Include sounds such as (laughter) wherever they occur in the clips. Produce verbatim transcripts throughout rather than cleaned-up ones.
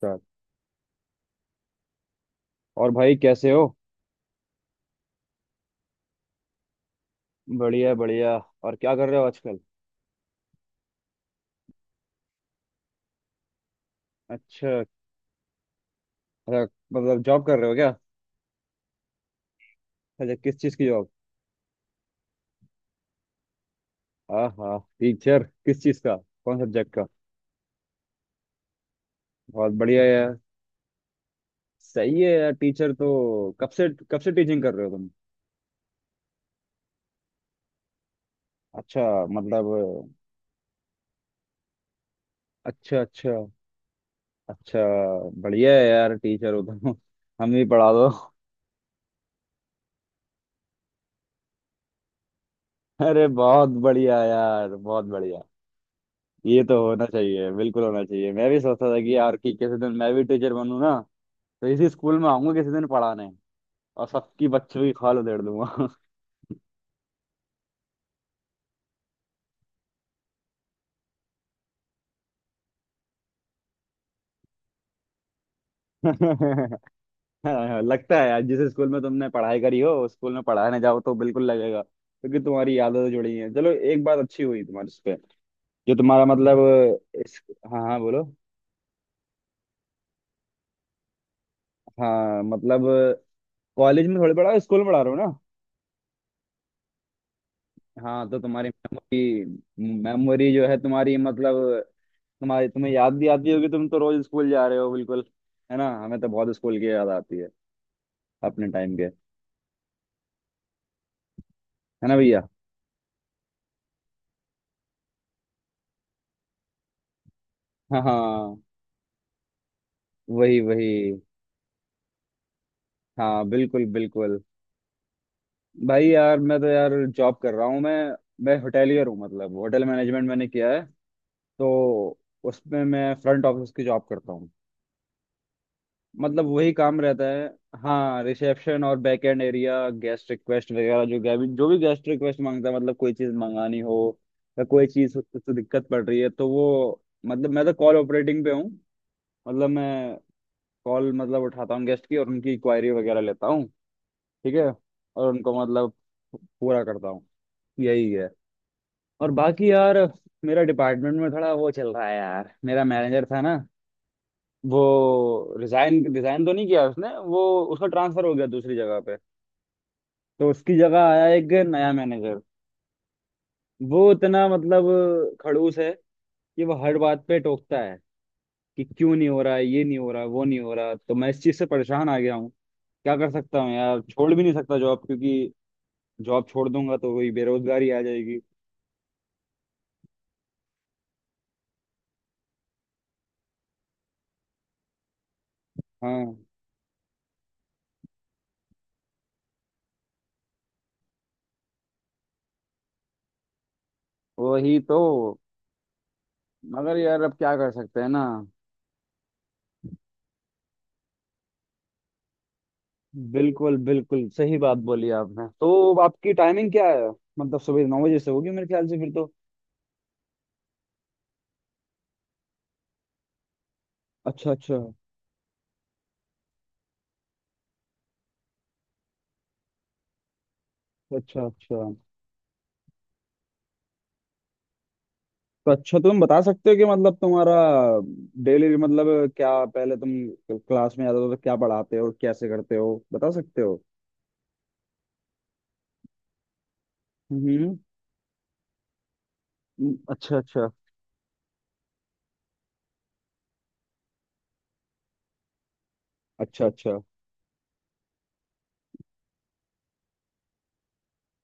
Sir. और भाई कैसे हो? बढ़िया बढ़िया। और क्या कर रहे हो आजकल? अच्छा अच्छा। मतलब जॉब कर रहे हो क्या? अच्छा, किस चीज़ की जॉब? हाँ हाँ, टीचर किस चीज़ का? कौन सब्जेक्ट का? बहुत बढ़िया यार। सही है यार, टीचर तो कब से कब से टीचिंग कर रहे हो तुम? अच्छा। मतलब अच्छा अच्छा। अच्छा। बढ़िया है यार, टीचर हो तुम। (laughs) हम भी पढ़ा दो। (laughs) अरे बहुत बढ़िया यार, बहुत बढ़िया। ये तो होना चाहिए, बिल्कुल होना चाहिए। मैं भी सोचता था कि यार कि किसी दिन मैं भी टीचर बनूं ना, तो इसी स्कूल में आऊंगा किसी दिन पढ़ाने, और सबकी बच्चों की खाल उधेड़ दूंगा। (laughs) हाँ, लगता है यार, जिस स्कूल में तुमने पढ़ाई करी हो उस स्कूल में पढ़ाने जाओ तो बिल्कुल लगेगा, क्योंकि तुम्हारी यादें तो जुड़ी हैं। चलो एक बात अच्छी हुई तुम्हारे इस पे। जो तुम्हारा मतलब इस हाँ हाँ, बोलो। हाँ, मतलब कॉलेज में थोड़ी पढ़ा, स्कूल में पढ़ा रहे हो ना। हाँ, तो तुम्हारी मेमोरी मेमोरी जो है तुम्हारी मतलब तुम्हारी तुम्हें याद भी आती होगी, तुम तो रोज स्कूल जा रहे हो बिल्कुल। है ना, हमें तो बहुत स्कूल की याद आती है अपने टाइम के, है ना भैया। हाँ हाँ, वही वही। हाँ, बिल्कुल बिल्कुल। भाई यार मैं तो यार जॉब कर रहा हूँ मैं। मैं होटेलियर हूँ, मतलब होटल मैनेजमेंट मैंने किया है। तो उसमें मैं फ्रंट ऑफिस की जॉब करता हूँ। मतलब वही काम रहता है। हाँ, रिसेप्शन और back end area, guest request वगैरह। जो गे- जो भी गेस्ट रिक्वेस्ट मांगता है, मतलब कोई चीज़ मंगानी हो या कोई चीज़ उससे दिक्कत पड़ रही है, तो वो, मतलब मैं तो कॉल ऑपरेटिंग पे हूँ। मतलब मैं कॉल मतलब उठाता हूँ गेस्ट की, और उनकी क्वायरी वगैरह लेता हूँ। ठीक है। और उनको मतलब पूरा करता हूँ। यही है। और बाकी यार, मेरा डिपार्टमेंट में थोड़ा वो चल रहा है यार। मेरा मैनेजर था ना, वो रिजाइन रिजाइन तो नहीं किया उसने, वो, उसका ट्रांसफर हो गया दूसरी जगह पे। तो उसकी जगह आया एक नया मैनेजर। वो इतना मतलब खड़ूस है कि वो हर बात पे टोकता है कि क्यों नहीं हो रहा है, ये नहीं हो रहा, वो नहीं हो रहा। तो मैं इस चीज से परेशान आ गया हूँ। क्या कर सकता हूँ यार, छोड़ भी नहीं सकता जॉब, क्योंकि जॉब छोड़ दूंगा तो वही बेरोजगारी आ जाएगी। हाँ वही तो। मगर यार अब क्या कर सकते हैं ना। बिल्कुल बिल्कुल, सही बात बोली आपने। तो आपकी टाइमिंग क्या है? मतलब सुबह नौ बजे से होगी मेरे ख्याल से फिर तो। अच्छा अच्छा। अच्छा अच्छा। तो अच्छा, तुम बता सकते हो कि मतलब तुम्हारा डेली, मतलब क्या पहले तुम क्लास में जाते हो तो क्या पढ़ाते हो, कैसे करते हो, बता सकते हो? हम्म। अच्छा अच्छा। अच्छा अच्छा।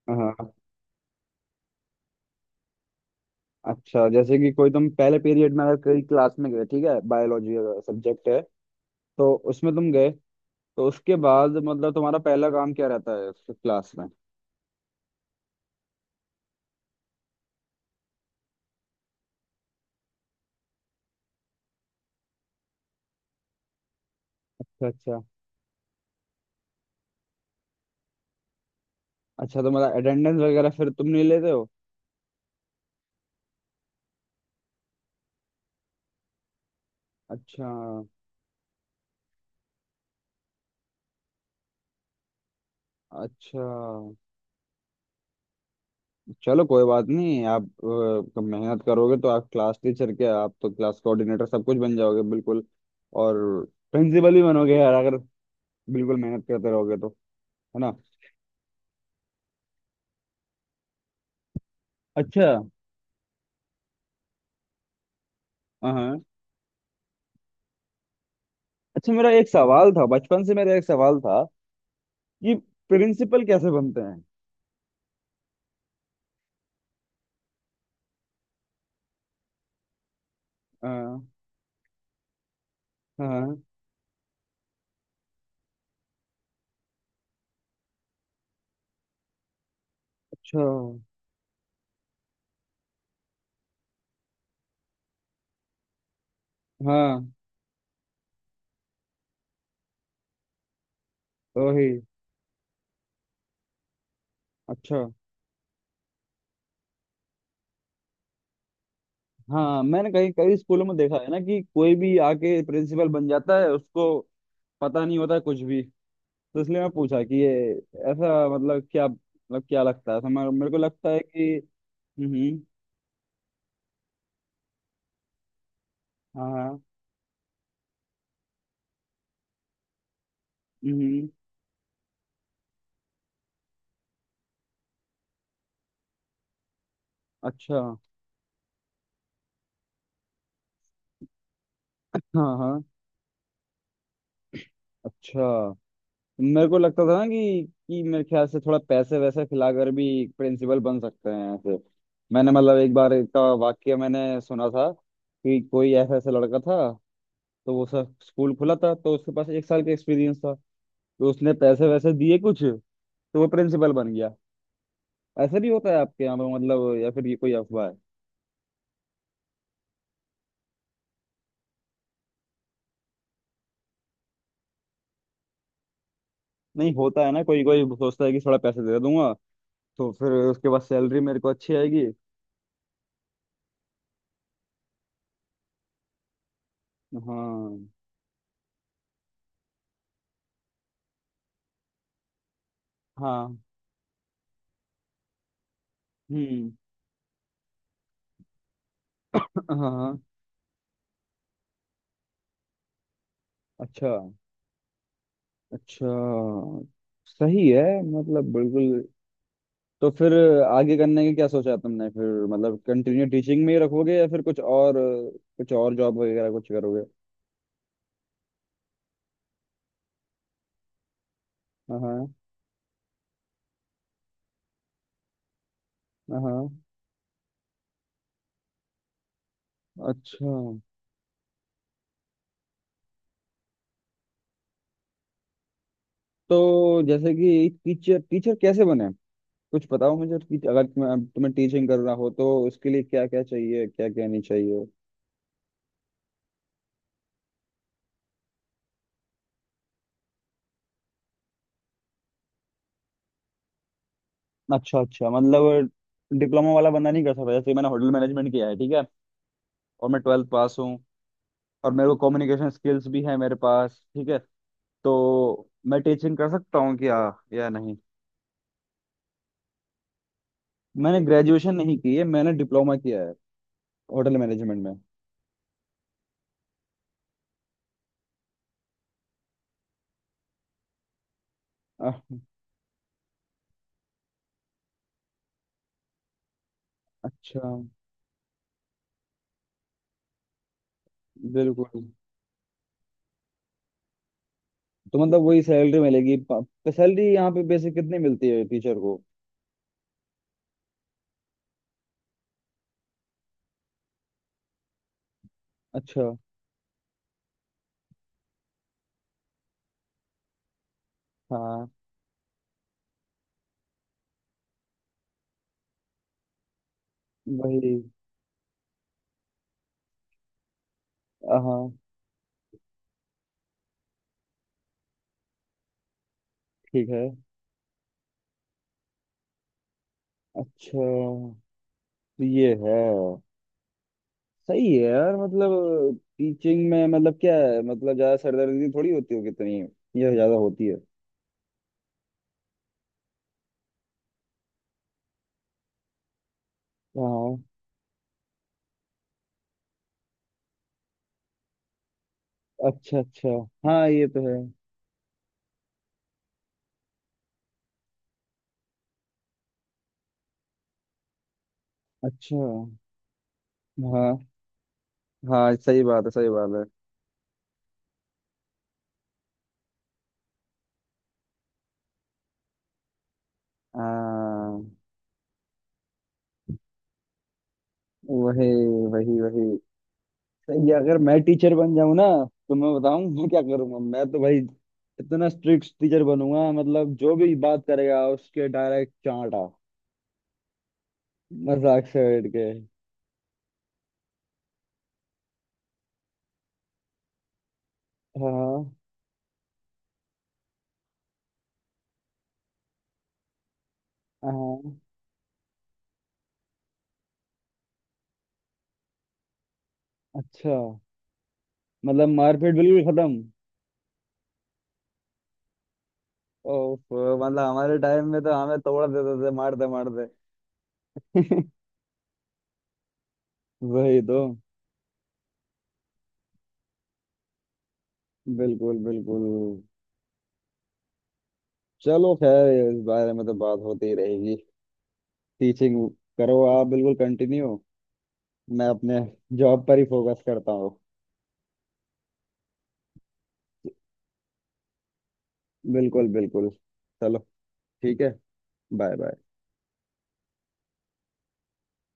हाँ। अच्छा, जैसे कि कोई तुम पहले पीरियड में अगर कोई क्लास में गए, ठीक है, बायोलॉजी सब्जेक्ट है, तो उसमें तुम गए, तो उसके बाद मतलब तुम्हारा पहला काम क्या रहता है उस क्लास में? अच्छा अच्छा। अच्छा, तो मतलब अटेंडेंस वगैरह फिर तुम नहीं लेते हो? अच्छा। अच्छा। चलो कोई बात नहीं आप, अ, मेहनत करोगे तो आप क्लास टीचर के, आप तो क्लास कोऑर्डिनेटर सब कुछ बन जाओगे बिल्कुल। और प्रिंसिपल भी बनोगे यार, अगर बिल्कुल मेहनत करते रहोगे तो, है ना। अच्छा। हाँ। अच्छा, मेरा एक सवाल था बचपन से, मेरा एक सवाल था कि प्रिंसिपल कैसे बनते हैं? हाँ हाँ। अच्छा। हाँ। ओही। अच्छा। हाँ, मैंने कहीं कई स्कूलों में देखा है ना, कि कोई भी आके प्रिंसिपल बन जाता है, उसको पता नहीं होता कुछ भी। तो इसलिए मैं पूछा कि ये ऐसा, मतलब क्या, मतलब क्या लगता है? तो मेरे मेरे को लगता है कि, हम्म। हाँ हाँ। हम्म। अच्छा। हाँ हाँ। अच्छा, मेरे को लगता था ना कि कि मेरे ख्याल से थोड़ा पैसे वैसे खिलाकर भी प्रिंसिपल बन सकते हैं ऐसे। मैंने मतलब एक बार का वाक्य मैंने सुना था कि कोई ऐसा ऐसा लड़का था, तो वो सर स्कूल खुला था, तो उसके पास एक साल का एक्सपीरियंस था, तो उसने पैसे वैसे दिए कुछ, तो वो प्रिंसिपल बन गया। ऐसा भी होता है आपके यहाँ पे मतलब, या फिर ये कोई अफवाह है? नहीं होता है ना, कोई कोई सोचता है कि थोड़ा पैसे दे दूंगा तो फिर उसके बाद सैलरी मेरे को अच्छी आएगी। हाँ हाँ। हम्म। (laughs) हाँ हाँ। अच्छा। अच्छा। सही है। मतलब बिल्कुल। तो फिर आगे करने की क्या सोचा है तुमने फिर? मतलब कंटिन्यू टीचिंग में ही रखोगे या फिर कुछ और, कुछ और जॉब वगैरह कुछ करोगे? हाँ हाँ। हाँ। अच्छा, तो जैसे कि टीचर, टीचर कैसे बने, कुछ बताओ मुझे, कि अगर तुम्हें, तुम्हें टीचिंग करना हो तो उसके लिए क्या क्या चाहिए, क्या क्या नहीं चाहिए? अच्छा अच्छा। मतलब डिप्लोमा वाला बंदा नहीं कर सकता? जैसे मैंने होटल मैनेजमेंट किया है, ठीक है, और मैं ट्वेल्थ पास हूँ, और मेरे को कम्युनिकेशन स्किल्स भी है मेरे पास, ठीक है, तो मैं टीचिंग कर सकता हूँ क्या या नहीं? मैंने ग्रेजुएशन नहीं की है, मैंने डिप्लोमा किया है होटल मैनेजमेंट में। आह, अच्छा। बिल्कुल। तो मतलब वही सैलरी मिलेगी? सैलरी यहाँ पे बेसिक कितनी मिलती है टीचर को? अच्छा। हाँ वही। हाँ हाँ, ठीक है। अच्छा, तो ये है। सही है यार। मतलब टीचिंग में मतलब क्या है, मतलब ज्यादा सरदर्दी थोड़ी होती होगी इतनी, ये ज्यादा होती है? हाँ। अच्छा अच्छा। हाँ, ये तो है। अच्छा। हाँ हाँ, सही बात है, सही बात है। हाँ वही वही वही। ये अगर मैं टीचर बन जाऊं ना, तो मैं बताऊं (laughs) मैं क्या करूंगा। मैं तो भाई इतना स्ट्रिक्ट टीचर बनूंगा, मतलब जो भी बात करेगा उसके डायरेक्ट चांटा। मजाक से हट के। हाँ। हाँ। अच्छा, मतलब मारपीट बिल्कुल खत्म? ओफ, मतलब हमारे टाइम में तो हमें तोड़ देते थे मारते मारते। (laughs) वही तो। बिल्कुल बिल्कुल। चलो खैर, इस बारे में तो बात होती ही रहेगी। टीचिंग करो आप बिल्कुल, कंटिन्यू। मैं अपने जॉब पर ही फोकस करता हूँ। बिल्कुल बिल्कुल। चलो, ठीक है। Bye bye.